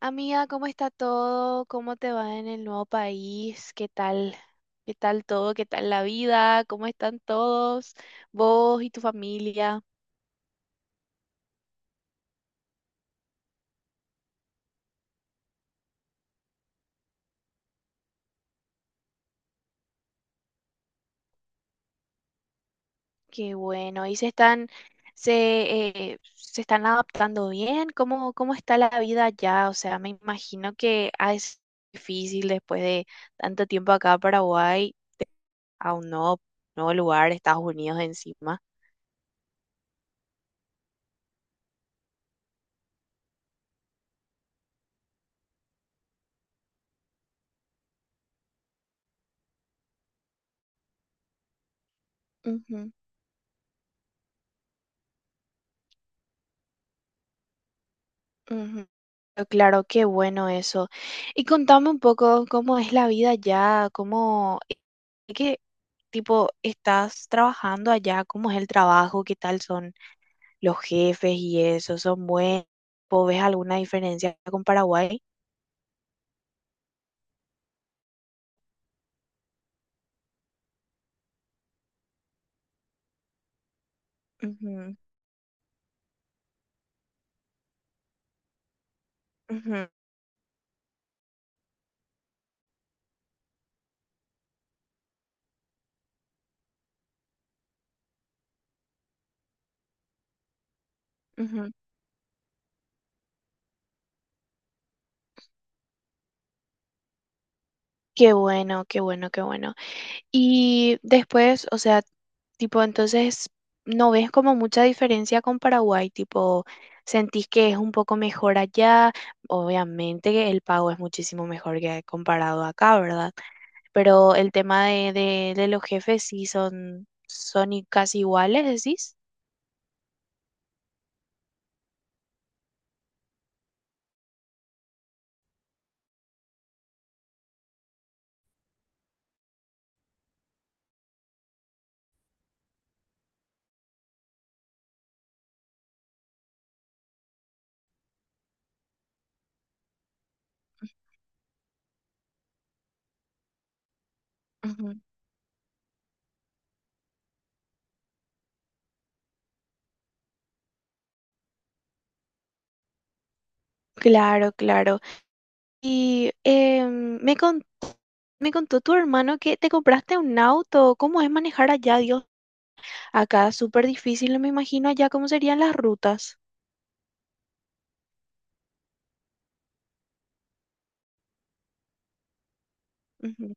Amiga, ¿cómo está todo? ¿Cómo te va en el nuevo país? ¿Qué tal? ¿Qué tal todo? ¿Qué tal la vida? ¿Cómo están todos? Vos y tu familia. Qué bueno. ¿Y se están, se están adaptando bien? ¿Cómo está la vida allá? O sea, me imagino que es difícil después de tanto tiempo acá en Paraguay a un nuevo lugar, Estados Unidos encima. Ujú, ujú. Pero claro, qué bueno eso. Y contame un poco cómo es la vida allá, qué tipo estás trabajando allá, cómo es el trabajo, qué tal son los jefes y eso, son buenos. ¿Vos ves alguna diferencia con Paraguay? Ujú, ujú, ujú. Qué bueno, qué bueno, qué bueno. Y después, o sea, tipo, entonces, ¿no ves como mucha diferencia con Paraguay? Tipo, ¿sentís que es un poco mejor allá? Obviamente que el pago es muchísimo mejor que comparado acá, ¿verdad? Pero el tema de los jefes sí son, casi iguales, decís. Ujú. Claro, claro. Y me contó tu hermano que te compraste un auto. ¿Cómo es manejar allá, Dios? Acá es súper difícil, me imagino allá cómo serían las rutas. Ujú,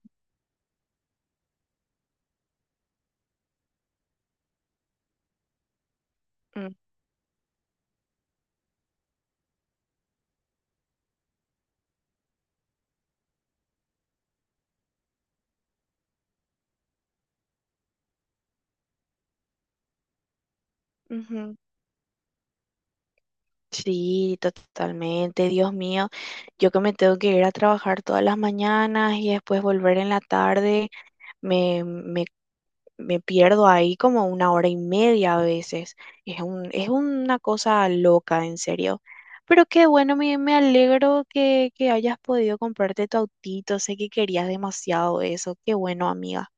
mm, ujú. Sí, totalmente, Dios mío. Yo que me tengo que ir a trabajar todas las mañanas y después volver en la tarde, me, me me pierdo ahí como una hora y media a veces. Es una cosa loca, en serio. Pero qué bueno, me alegro que hayas podido comprarte tu autito. Sé que querías demasiado eso. Qué bueno, amiga.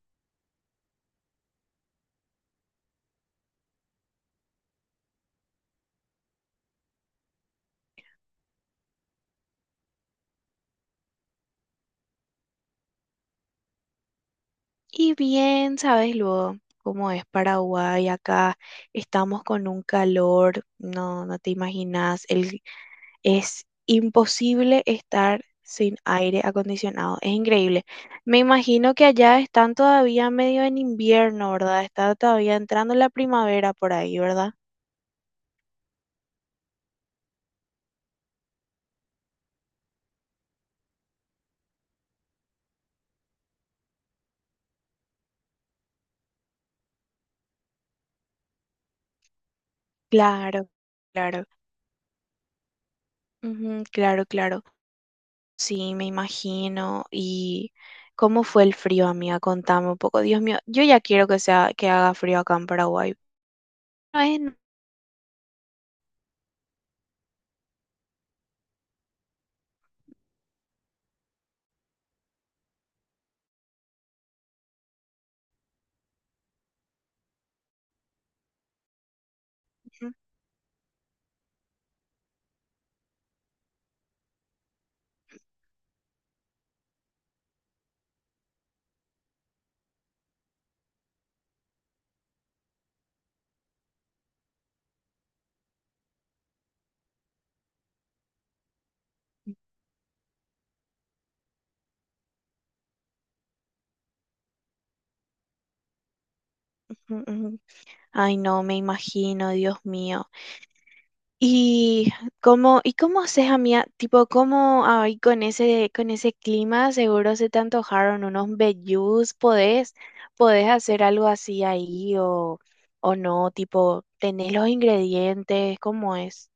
Y bien, sabes luego cómo es Paraguay acá. Estamos con un calor, no te imaginas. Es imposible estar sin aire acondicionado. Es increíble. Me imagino que allá están todavía medio en invierno, ¿verdad? Está todavía entrando la primavera por ahí, ¿verdad? Claro, claro. Ujú, claro, claro. Sí, me imagino. ¿Y cómo fue el frío, amiga? Contame un poco. Dios mío, yo ya quiero que sea que haga frío acá en Paraguay. Ay, no. Ujú, ujú. Ay, no, me imagino, Dios mío. ¿Y cómo haces, amiga? Tipo, ¿cómo ahí con ese clima seguro se te antojaron unos vellús? ¿Podés, podés hacer algo así ahí o no? Tipo, ¿tenés los ingredientes? ¿Cómo es?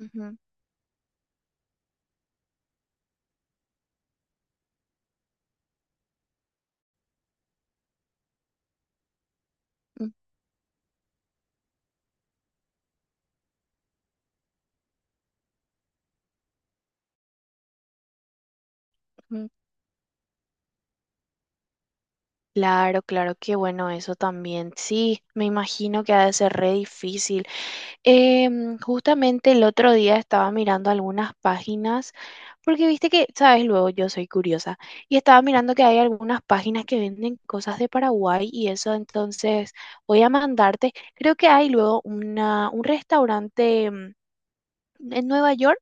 Ujú, ujú. Claro, claro, qué bueno eso también. Sí, me imagino que ha de ser re difícil. Justamente el otro día estaba mirando algunas páginas, porque viste que, sabes, luego yo soy curiosa, y estaba mirando que hay algunas páginas que venden cosas de Paraguay y eso, entonces voy a mandarte, creo que hay luego una, un restaurante, en Nueva York,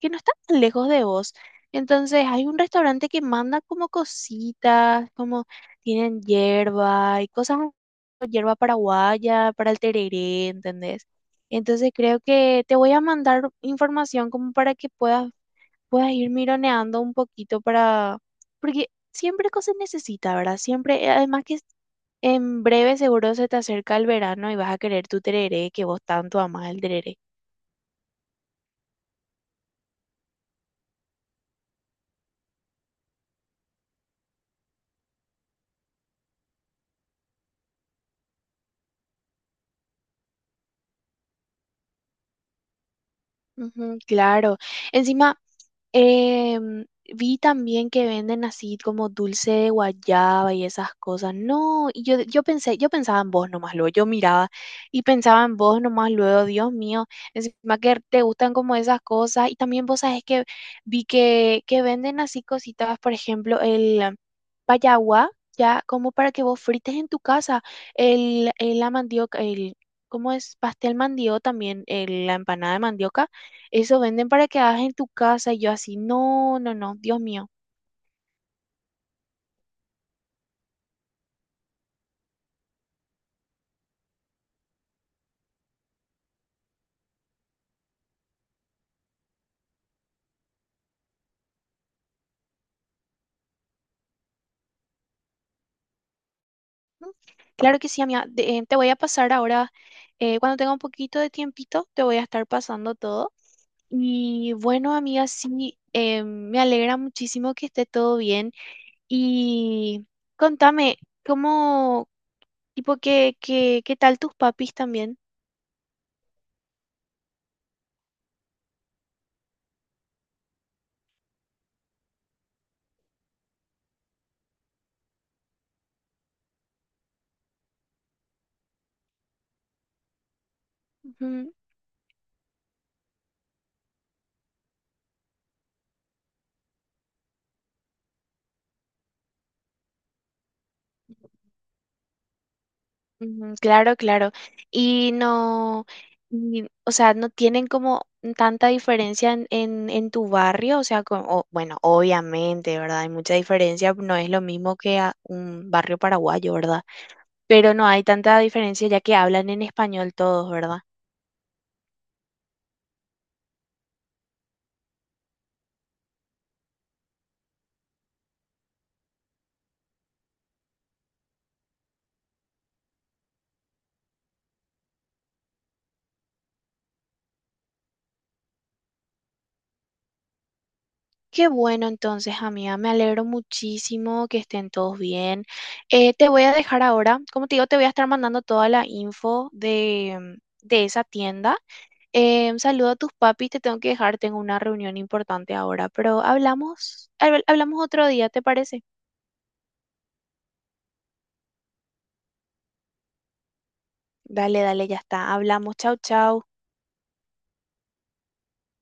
que no está tan lejos de vos. Entonces hay un restaurante que manda como cositas, como tienen hierba y cosas, hierba paraguaya para el tereré, ¿entendés? Entonces creo que te voy a mandar información como para que puedas, puedas ir mironeando un poquito para, porque siempre cosas necesita, ¿verdad? Siempre, además que en breve seguro se te acerca el verano y vas a querer tu tereré, que vos tanto amás el tereré. Ujú, claro. Encima, eh, vi también que venden así como dulce de guayaba y esas cosas. No, yo pensé, yo pensaba en vos nomás luego, yo miraba y pensaba en vos nomás luego, Dios mío, encima que te gustan como esas cosas. Y también vos sabés que venden así cositas, por ejemplo, el payaguá, ya como para que vos frites en tu casa el la mandioca, el, ¿cómo es? pastel mandioca también, la empanada de mandioca, eso venden para que hagas en tu casa y yo así, no, no, no, Dios mío. Mm, claro que sí, amiga. Te voy a pasar ahora, cuando tenga un poquito de tiempito, te voy a estar pasando todo. Y bueno, amiga, sí, me alegra muchísimo que esté todo bien. Y contame, ¿cómo, tipo, qué tal tus papis también? Ujú. Ujú, claro, claro. Y no, y, o sea, no tienen como tanta diferencia en tu barrio, o sea, bueno, obviamente, ¿verdad? Hay mucha diferencia, no es lo mismo que a un barrio paraguayo, ¿verdad? Pero no hay tanta diferencia ya que hablan en español todos, ¿verdad? Qué bueno, entonces, amiga, me alegro muchísimo que estén todos bien. Te voy a dejar ahora, como te digo, te voy a estar mandando toda la info de esa tienda. Saludo a tus papis, te tengo que dejar, tengo una reunión importante ahora, pero hablamos, hablamos otro día, ¿te parece? Dale, dale, ya está, hablamos, chau, chau.